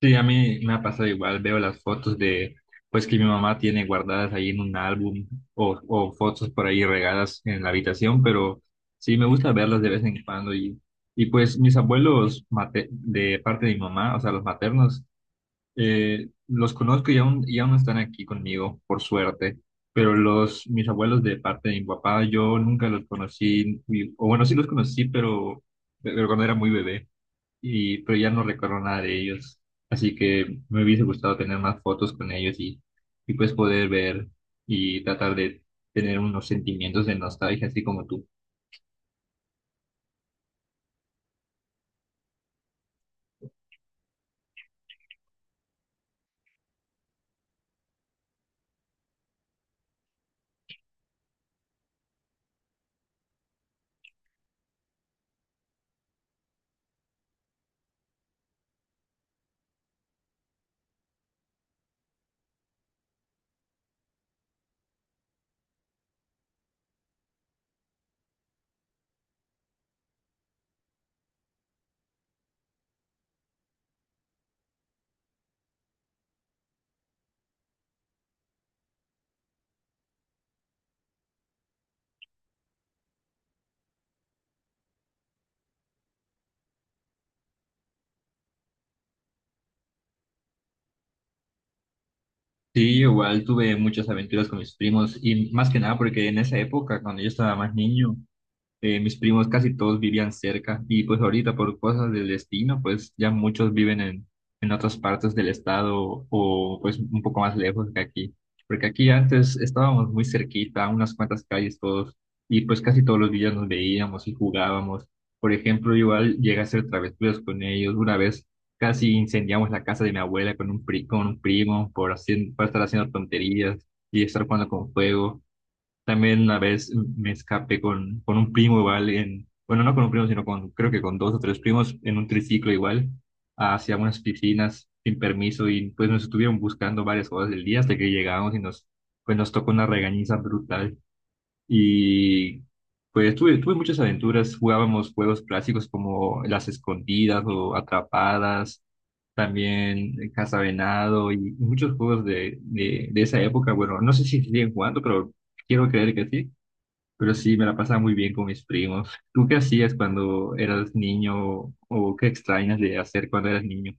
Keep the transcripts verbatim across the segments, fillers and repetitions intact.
Sí, a mí me ha pasado igual, veo las fotos de, pues que mi mamá tiene guardadas ahí en un álbum o, o fotos por ahí regadas en la habitación, pero sí me gusta verlas de vez en cuando y, y pues mis abuelos mate- de parte de mi mamá, o sea, los maternos, eh, los conozco y aún, y aún están aquí conmigo, por suerte, pero los, mis abuelos de parte de mi papá, yo nunca los conocí, ni- o bueno, sí los conocí, pero, pero cuando era muy bebé y pero ya no recuerdo nada de ellos. Así que me hubiese gustado tener más fotos con ellos y, y pues poder ver y tratar de tener unos sentimientos de nostalgia, así como tú. Sí, igual tuve muchas aventuras con mis primos y más que nada porque en esa época, cuando yo estaba más niño, Eh, mis primos casi todos vivían cerca y pues ahorita por cosas del destino, pues ya muchos viven en, en otras partes del estado o pues un poco más lejos que aquí. Porque aquí antes estábamos muy cerquita, a unas cuantas calles todos, y pues casi todos los días nos veíamos y jugábamos. Por ejemplo, igual llegué a hacer travesuras con ellos. Una vez casi incendiamos la casa de mi abuela con un, pri- con un primo por, hacer, por estar haciendo tonterías y estar jugando con fuego. También una vez me escapé con, con un primo igual en, bueno, no con un primo, sino con, creo que con dos o tres primos en un triciclo igual, hacia unas piscinas sin permiso y pues nos estuvieron buscando varias horas del día hasta que llegamos y nos, pues nos tocó una regañiza brutal. Y pues tuve, tuve muchas aventuras, jugábamos juegos clásicos como las escondidas o atrapadas, también eh, cazavenado y muchos juegos de, de, de esa época. Bueno, no sé si siguen jugando, pero quiero creer que sí. Pero sí, me la pasaba muy bien con mis primos. ¿Tú qué hacías cuando eras niño o qué extrañas de hacer cuando eras niño?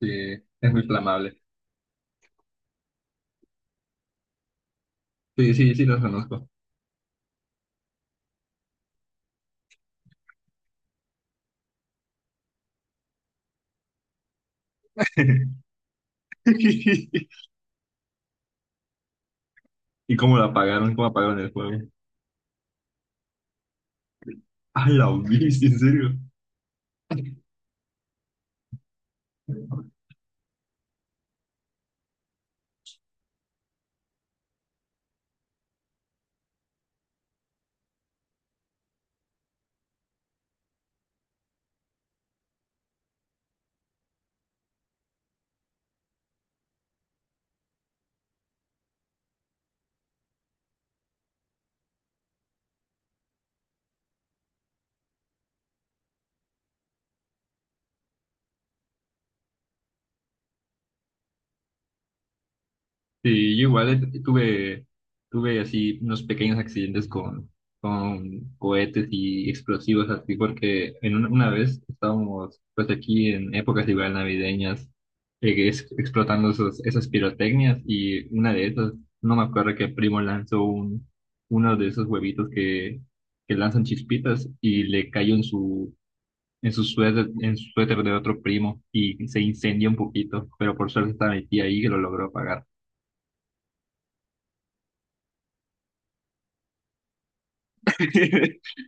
Sí, es muy flamable. Sí, sí, sí, los conozco. ¿Y cómo la apagaron? ¿Cómo apagaron el juego? A la bici, en serio. Sí, yo igual eh, tuve, tuve así unos pequeños accidentes con, con cohetes y explosivos así, porque en una, una vez estábamos pues aquí en épocas igual navideñas, eh, es- explotando esos, esas pirotecnias y una de esas, no me acuerdo que primo lanzó un, uno de esos huevitos que, que lanzan chispitas y le cayó en su, en su suéter, en su suéter de otro primo y se incendió un poquito, pero por suerte estaba mi tía ahí que lo logró apagar.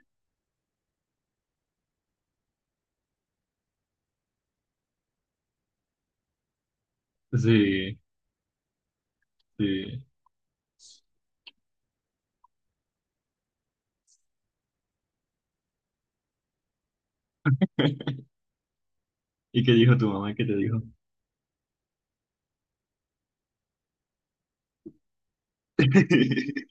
Sí, sí. ¿Y qué dijo tu mamá? ¿Qué te dijo?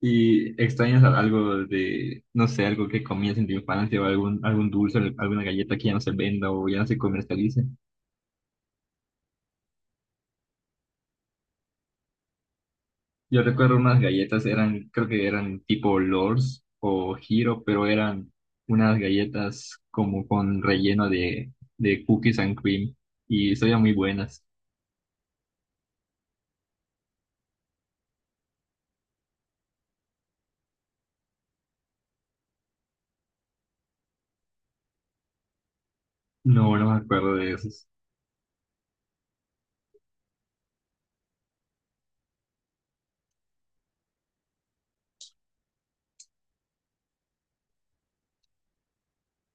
¿Y extrañas algo de, no sé, algo que comías en tu infancia o algún, algún dulce, alguna galleta que ya no se venda o ya no se comercialice? Yo recuerdo unas galletas, eran, creo que eran tipo Lors o Giro, pero eran unas galletas como con relleno de, de cookies and cream y sabían muy buenas. No, no me acuerdo de esos.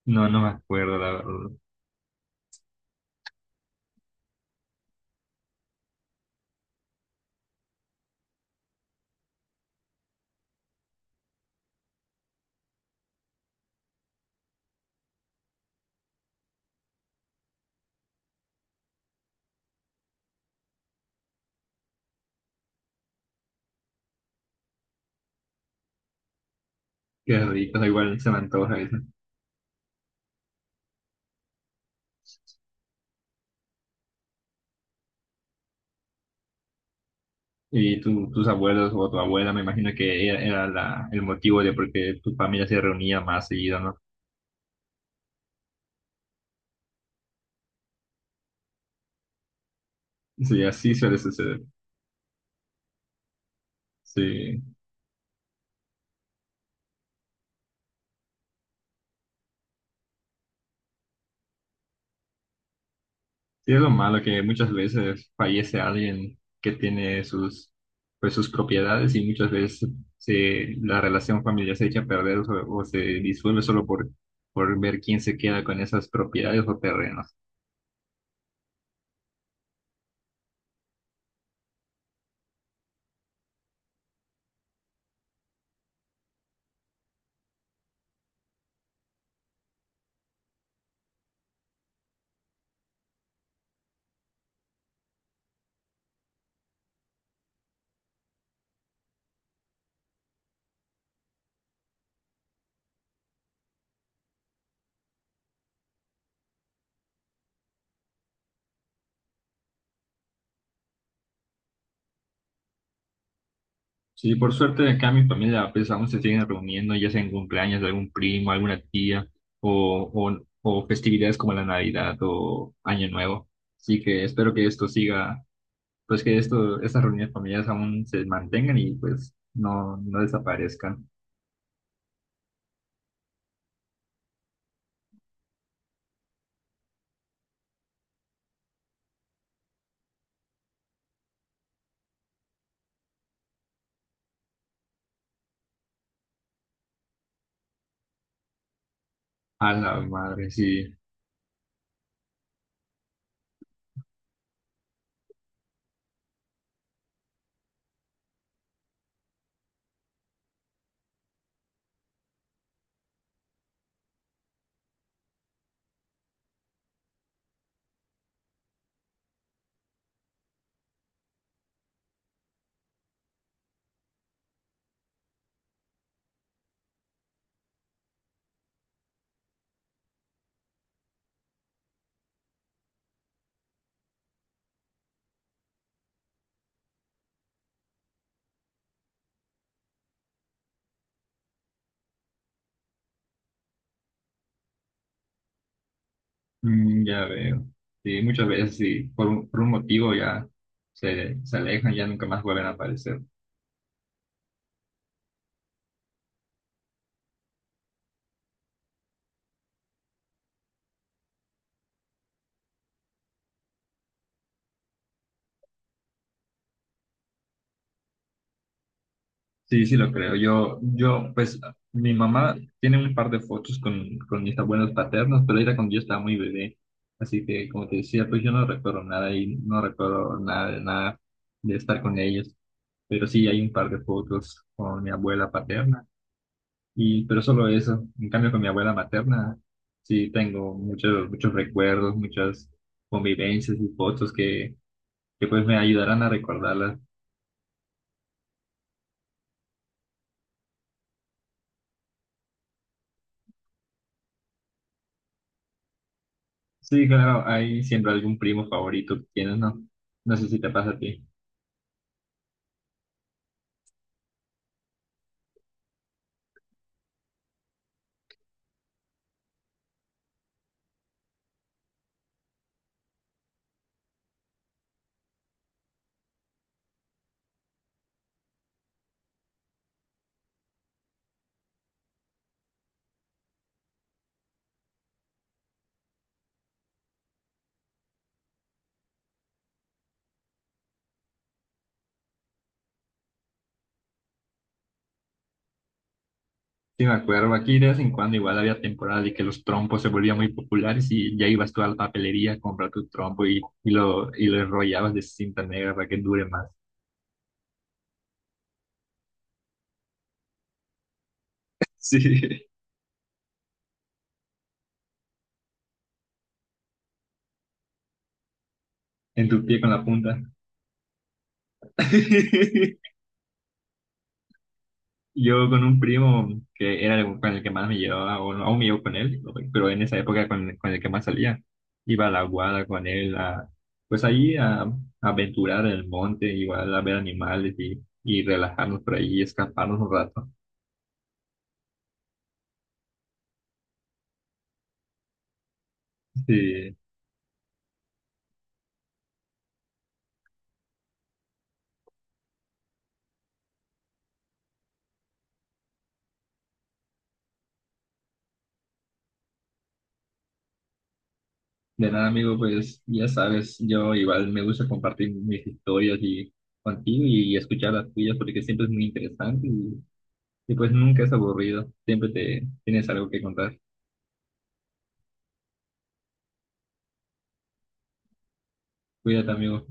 No, no me acuerdo, la verdad. Qué ricas, igual se me antoja eso. Y tu- tus abuelos o tu abuela, me imagino que era, era la, el motivo de por qué tu familia se reunía más seguido, ¿no? Sí, así suele suceder. Sí. Sí, es lo malo que muchas veces fallece alguien que tiene sus, pues, sus propiedades y muchas veces se, la relación familiar se echa a perder o, o se disuelve solo por, por ver quién se queda con esas propiedades o terrenos. Sí, por suerte acá mi familia pues aún se siguen reuniendo, ya sea en cumpleaños de algún primo, alguna tía o, o, o festividades como la Navidad o Año Nuevo. Así que espero que esto siga pues que esto, estas reuniones familiares aún se mantengan y pues no, no desaparezcan. A la madre, sí. Mm, ya veo. Sí, muchas veces sí, por un, por un motivo ya se, se alejan, ya nunca más vuelven a aparecer. Sí, sí, lo creo. Yo, yo, pues mi mamá tiene un par de fotos con, con mis abuelos paternos, pero era cuando yo estaba muy bebé. Así que, como te decía, pues yo no recuerdo nada y no recuerdo nada, de nada de estar con ellos. Pero sí hay un par de fotos con mi abuela paterna. Y, pero solo eso. En cambio, con mi abuela materna, sí tengo muchos, muchos recuerdos, muchas convivencias y fotos que, que pues me ayudarán a recordarlas. Sí, claro, hay siempre algún primo favorito que tienes, ¿no? No sé si te pasa a ti. Sí, me acuerdo, aquí de vez en cuando igual había temporada y que los trompos se volvían muy populares y ya ibas tú a la papelería a comprar tu trompo y, y lo, y lo enrollabas de cinta negra para que dure más. Sí, en tu pie con la punta. Yo con un primo que era el- con el que más me llevaba, o no, aún me llevo con él, pero en esa época con, con el que más salía, iba a la guada con él, a, pues ahí a, a aventurar en el monte, igual a ver animales y, y relajarnos por ahí y escaparnos un rato. Sí. De nada, amigo, pues ya sabes, yo igual me gusta compartir mis historias y contigo y escuchar las tuyas porque siempre es muy interesante y, y pues nunca es aburrido, siempre te tienes algo que contar. Cuídate, amigo.